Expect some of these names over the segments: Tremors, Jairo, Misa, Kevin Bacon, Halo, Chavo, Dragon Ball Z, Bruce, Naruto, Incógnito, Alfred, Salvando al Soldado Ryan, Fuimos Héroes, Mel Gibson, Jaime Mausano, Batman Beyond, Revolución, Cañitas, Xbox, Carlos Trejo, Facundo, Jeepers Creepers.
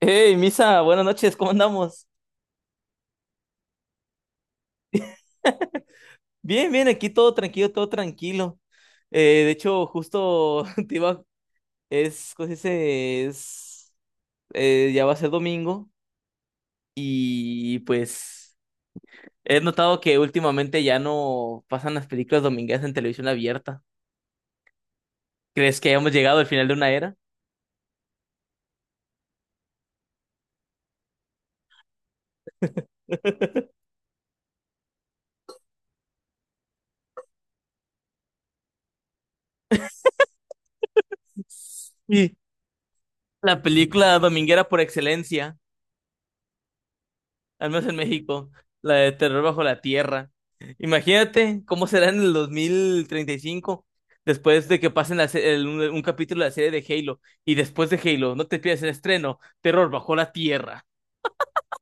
Hey, Misa, buenas noches, ¿cómo andamos? Bien, bien, aquí todo tranquilo, todo tranquilo. De hecho, justo te iba, es, ¿cómo se dice? Es, ya va a ser domingo y pues he notado que últimamente ya no pasan las películas domingueras en televisión abierta. ¿Crees que hayamos llegado al final de una era? Sí. La película dominguera por excelencia. Al menos en México, la de terror bajo la tierra. Imagínate cómo será en el 2035, después de que pasen la se- el- un capítulo de la serie de Halo, y después de Halo, no te pierdas el estreno, terror bajo la tierra.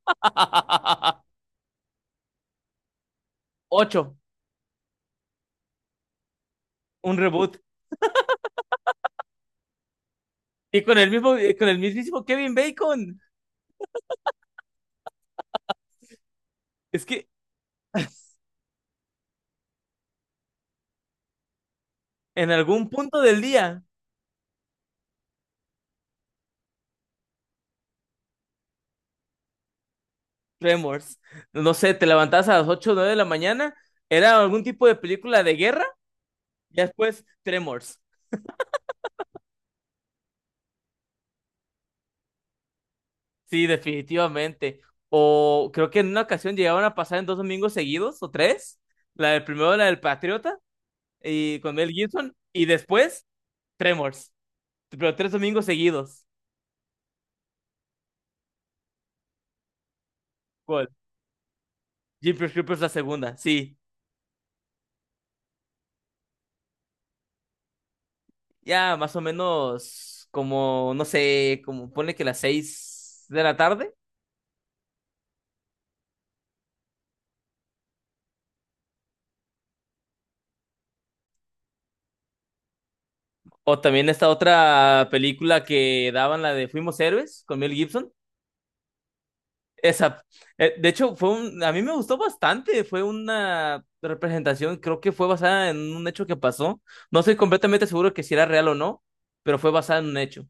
Ocho, un reboot. Y con el mismo, con el mismísimo Kevin Bacon. Es que en algún punto del día, Tremors, no sé, te levantabas a las 8 o 9 de la mañana, era algún tipo de película de guerra, y después Tremors. Sí, definitivamente. O creo que en una ocasión llegaban a pasar en dos domingos seguidos, o tres. La del primero, la del Patriota, y con Mel Gibson. Y después, Tremors. Pero tres domingos seguidos. ¿Cuál? Jeepers Creepers la segunda, sí. Ya más o menos como, no sé, como pone que las seis de la tarde. O también esta otra película que daban, la de Fuimos Héroes, con Mel Gibson. Esa, de hecho, fue un, a mí me gustó bastante, fue una representación, creo que fue basada en un hecho que pasó. No estoy completamente seguro que si era real o no, pero fue basada en un hecho.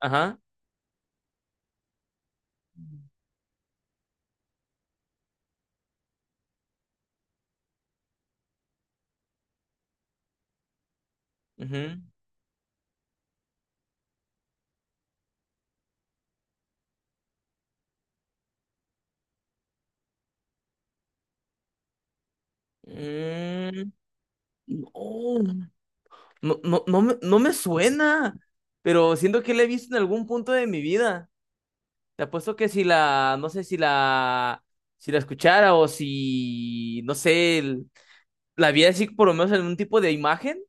Ajá. Ujú. Mm, no, no, no, no me suena, pero siento que la he visto en algún punto de mi vida. Te apuesto que si la, no sé si la, si la escuchara o si, no sé, la vi así, por lo menos en un tipo de imagen,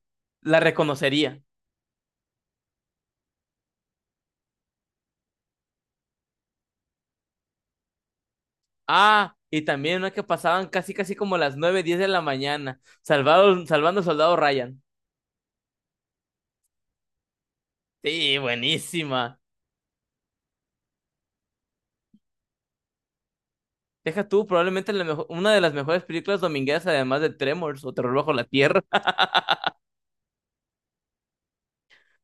la reconocería. Ah, y también una que pasaban casi, casi como a las 9 10 de la mañana, salvado, salvando al soldado Ryan. Sí, buenísima. Deja tú, probablemente una de las mejores películas domingueras, además de Tremors o Terror bajo la Tierra.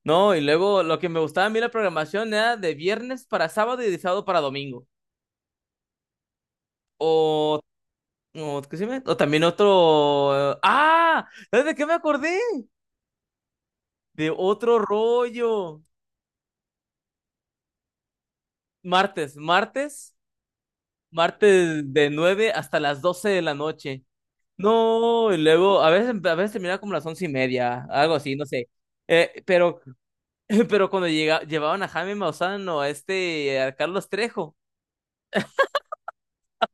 No, y luego lo que me gustaba a mí la programación era de viernes para sábado y de sábado para domingo. O, o, ¿qué se llama? O también otro... ¡Ah! ¿Sabes de qué me acordé? De otro rollo. Martes, martes de 9 hasta las 12 de la noche. No, y luego a veces terminaba como las once y media, algo así, no sé. Eh, pero, pero cuando llega, llevaban a Jaime Mausano, a este, a Carlos Trejo.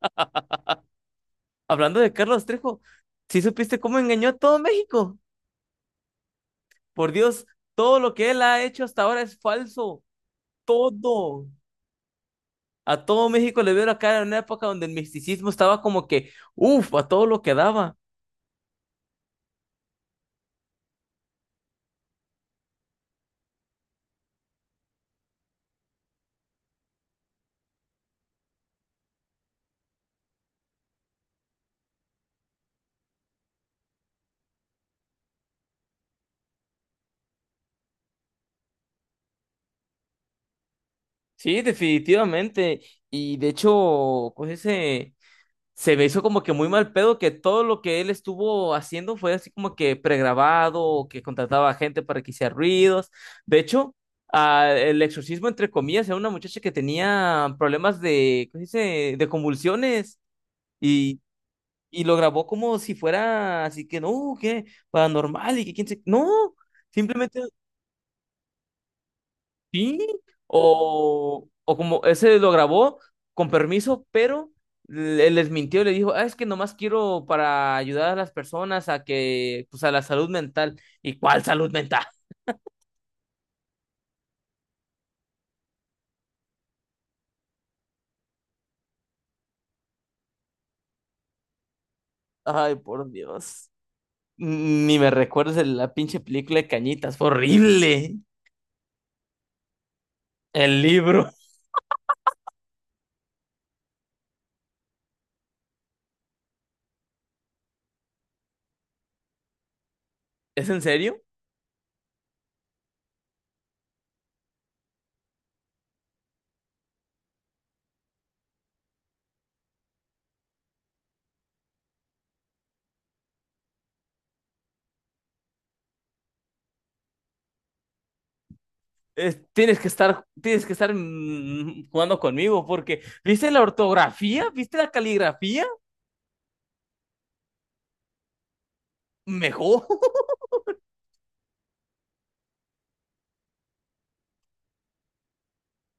Hablando de Carlos Trejo, ¿sí supiste cómo engañó a todo México? Por Dios, todo lo que él ha hecho hasta ahora es falso. Todo. A todo México le veo la cara en una época donde el misticismo estaba como que, uff, a todo lo que daba. Sí, definitivamente. Y de hecho, pues ese se me hizo como que muy mal pedo que todo lo que él estuvo haciendo fue así como que pregrabado, o que contrataba a gente para que hiciera ruidos. De hecho, ah, el exorcismo, entre comillas, era una muchacha que tenía problemas de, ¿cómo se dice? De convulsiones y, y lo grabó como si fuera así que no, que paranormal y que quién se. No, simplemente. Sí, o como ese lo grabó con permiso, pero les mintió, le dijo, ah, es que nomás quiero para ayudar a las personas a que, pues a la salud mental. ¿Y cuál salud mental? Ay, por Dios. Ni me recuerdes de la pinche película de Cañitas, fue horrible. El libro. ¿Es en serio? Tienes que estar, jugando conmigo porque, ¿viste la ortografía? ¿Viste la caligrafía? Mejor.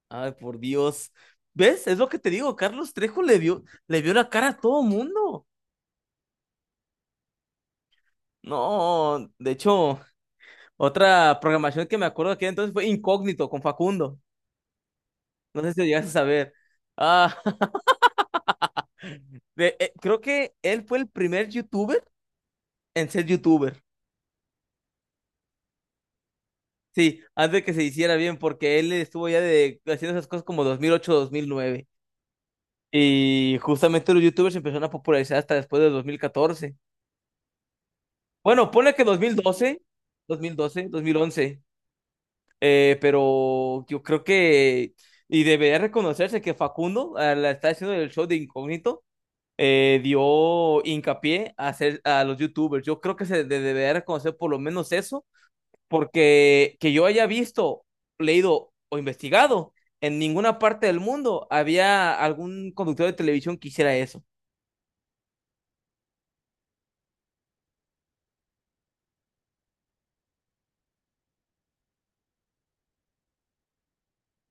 Ay, por Dios. ¿Ves? Es lo que te digo, Carlos Trejo le vio la cara a todo mundo. No, de hecho, otra programación que me acuerdo de aquel entonces fue Incógnito con Facundo. No sé si lo llegaste a saber. Ah, creo que él fue el primer youtuber en ser youtuber. Sí, antes de que se hiciera bien, porque él estuvo ya de, haciendo esas cosas como 2008, 2009. Y justamente los youtubers se empezaron a popularizar hasta después de 2014. Bueno, pone que dos mil doce, 2012, 2011. Pero yo creo que, y debería reconocerse que Facundo, al estar haciendo el show de Incógnito, dio hincapié a, hacer, a los YouTubers. Yo creo que se debería reconocer por lo menos eso, porque que yo haya visto, leído o investigado, en ninguna parte del mundo había algún conductor de televisión que hiciera eso.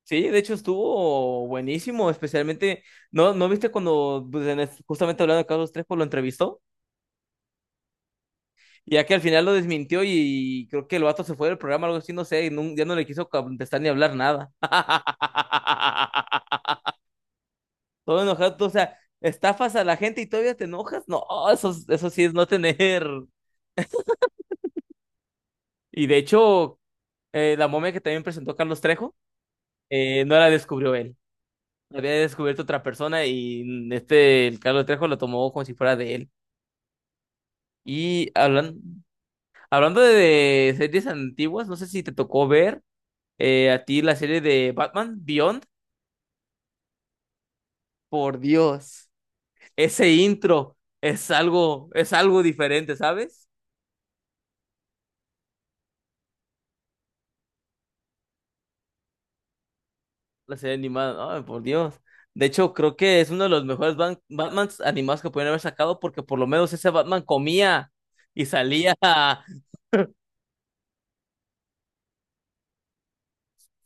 Sí, de hecho estuvo buenísimo, especialmente, ¿no, no viste cuando, pues, en justamente hablando de Carlos Trejo, lo entrevistó? Y ya que al final lo desmintió y creo que el vato se fue del programa, algo así, no sé, y ya no le quiso contestar ni hablar nada. Todo enojado, tú, o sea, estafas a la gente y todavía te enojas. No, eso, eso sí es no tener. Y de hecho, la momia que también presentó Carlos Trejo, no la descubrió él. La había descubierto otra persona y este, el Carlos Trejo lo tomó como si fuera de él. Y hablando de series antiguas, no sé si te tocó ver a ti la serie de Batman Beyond. Por Dios. Ese intro es algo diferente, ¿sabes? La serie animada, ay, por Dios. De hecho, creo que es uno de los mejores Batmans animados que pudieron haber sacado porque por lo menos ese Batman comía y salía,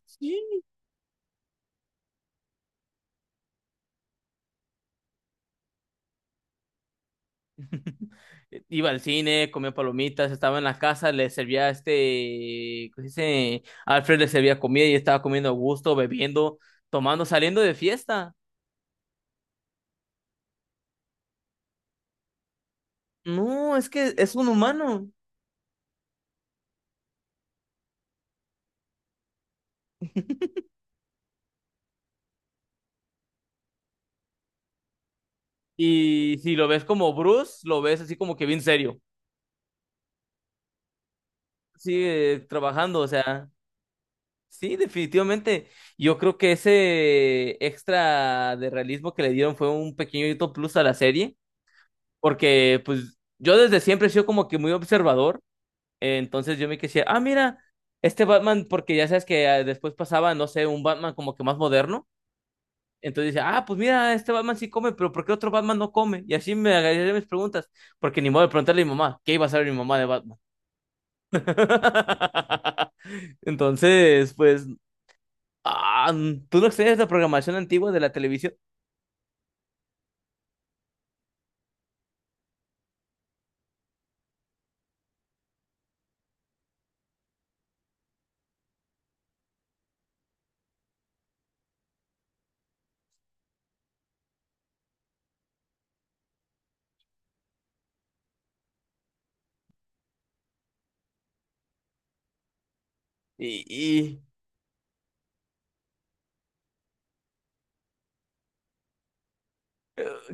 sí, iba al cine, comía palomitas, estaba en la casa, le servía este, ¿cómo se dice? Alfred le servía comida y estaba comiendo a gusto, bebiendo, tomando, saliendo de fiesta. No, es que es un humano. Y si lo ves como Bruce, lo ves así como que bien serio. Sigue trabajando, o sea, sí, definitivamente. Yo creo que ese extra de realismo que le dieron fue un pequeñito plus a la serie, porque pues yo desde siempre he sido como que muy observador, entonces yo me decía, ah, mira, este Batman, porque ya sabes que ah, después pasaba, no sé, un Batman como que más moderno. Entonces dice, ah, pues mira, este Batman sí come, pero ¿por qué otro Batman no come? Y así me agarré mis preguntas, porque ni modo de preguntarle a mi mamá, ¿qué iba a saber mi mamá de Batman? Entonces, pues, tú no extrañas la programación antigua de la televisión. Y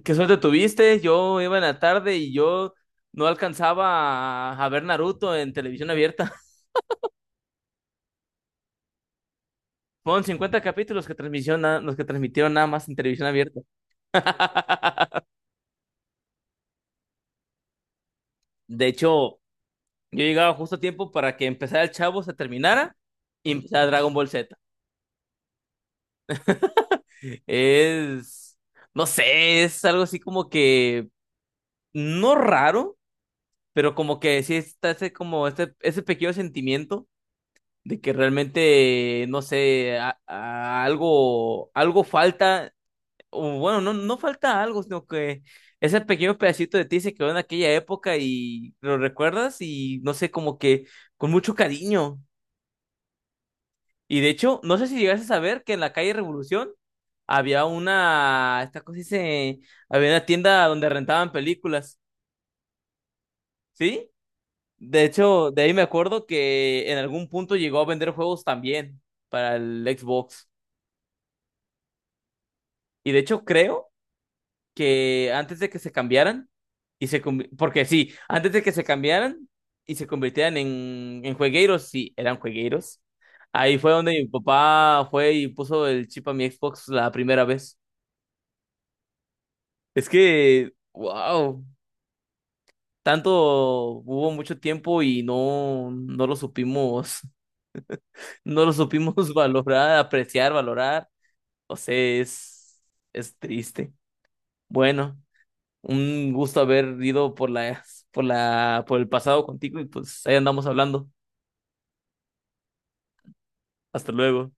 qué suerte tuviste. Yo iba en la tarde y yo no alcanzaba a ver Naruto en televisión abierta. Fueron 50 capítulos que los que transmitieron nada más en televisión abierta. De hecho, yo llegaba justo a tiempo para que empezara el Chavo, se terminara y empezara Dragon Ball Z. Es, no sé, es algo así como que no raro, pero como que sí está ese, como este, ese pequeño sentimiento de que realmente, no sé, algo falta, o bueno, no, no falta algo, sino que ese pequeño pedacito de ti se quedó en aquella época y lo recuerdas y no sé, como que con mucho cariño. Y de hecho, no sé si llegaste a saber que en la calle Revolución había una, esta cosa dice, había una tienda donde rentaban películas, ¿sí? De hecho, de ahí me acuerdo que en algún punto llegó a vender juegos también para el Xbox. Y de hecho creo que antes de que se cambiaran, y se porque sí, antes de que se cambiaran y se convirtieran en juegueiros, sí, eran juegueiros. Ahí fue donde mi papá fue y puso el chip a mi Xbox la primera vez. Es que, wow, tanto hubo mucho tiempo y no, no lo supimos, no lo supimos valorar, apreciar, valorar. No sé, es triste. Bueno, un gusto haber ido por la, por la, por el pasado contigo y pues ahí andamos hablando. Hasta luego.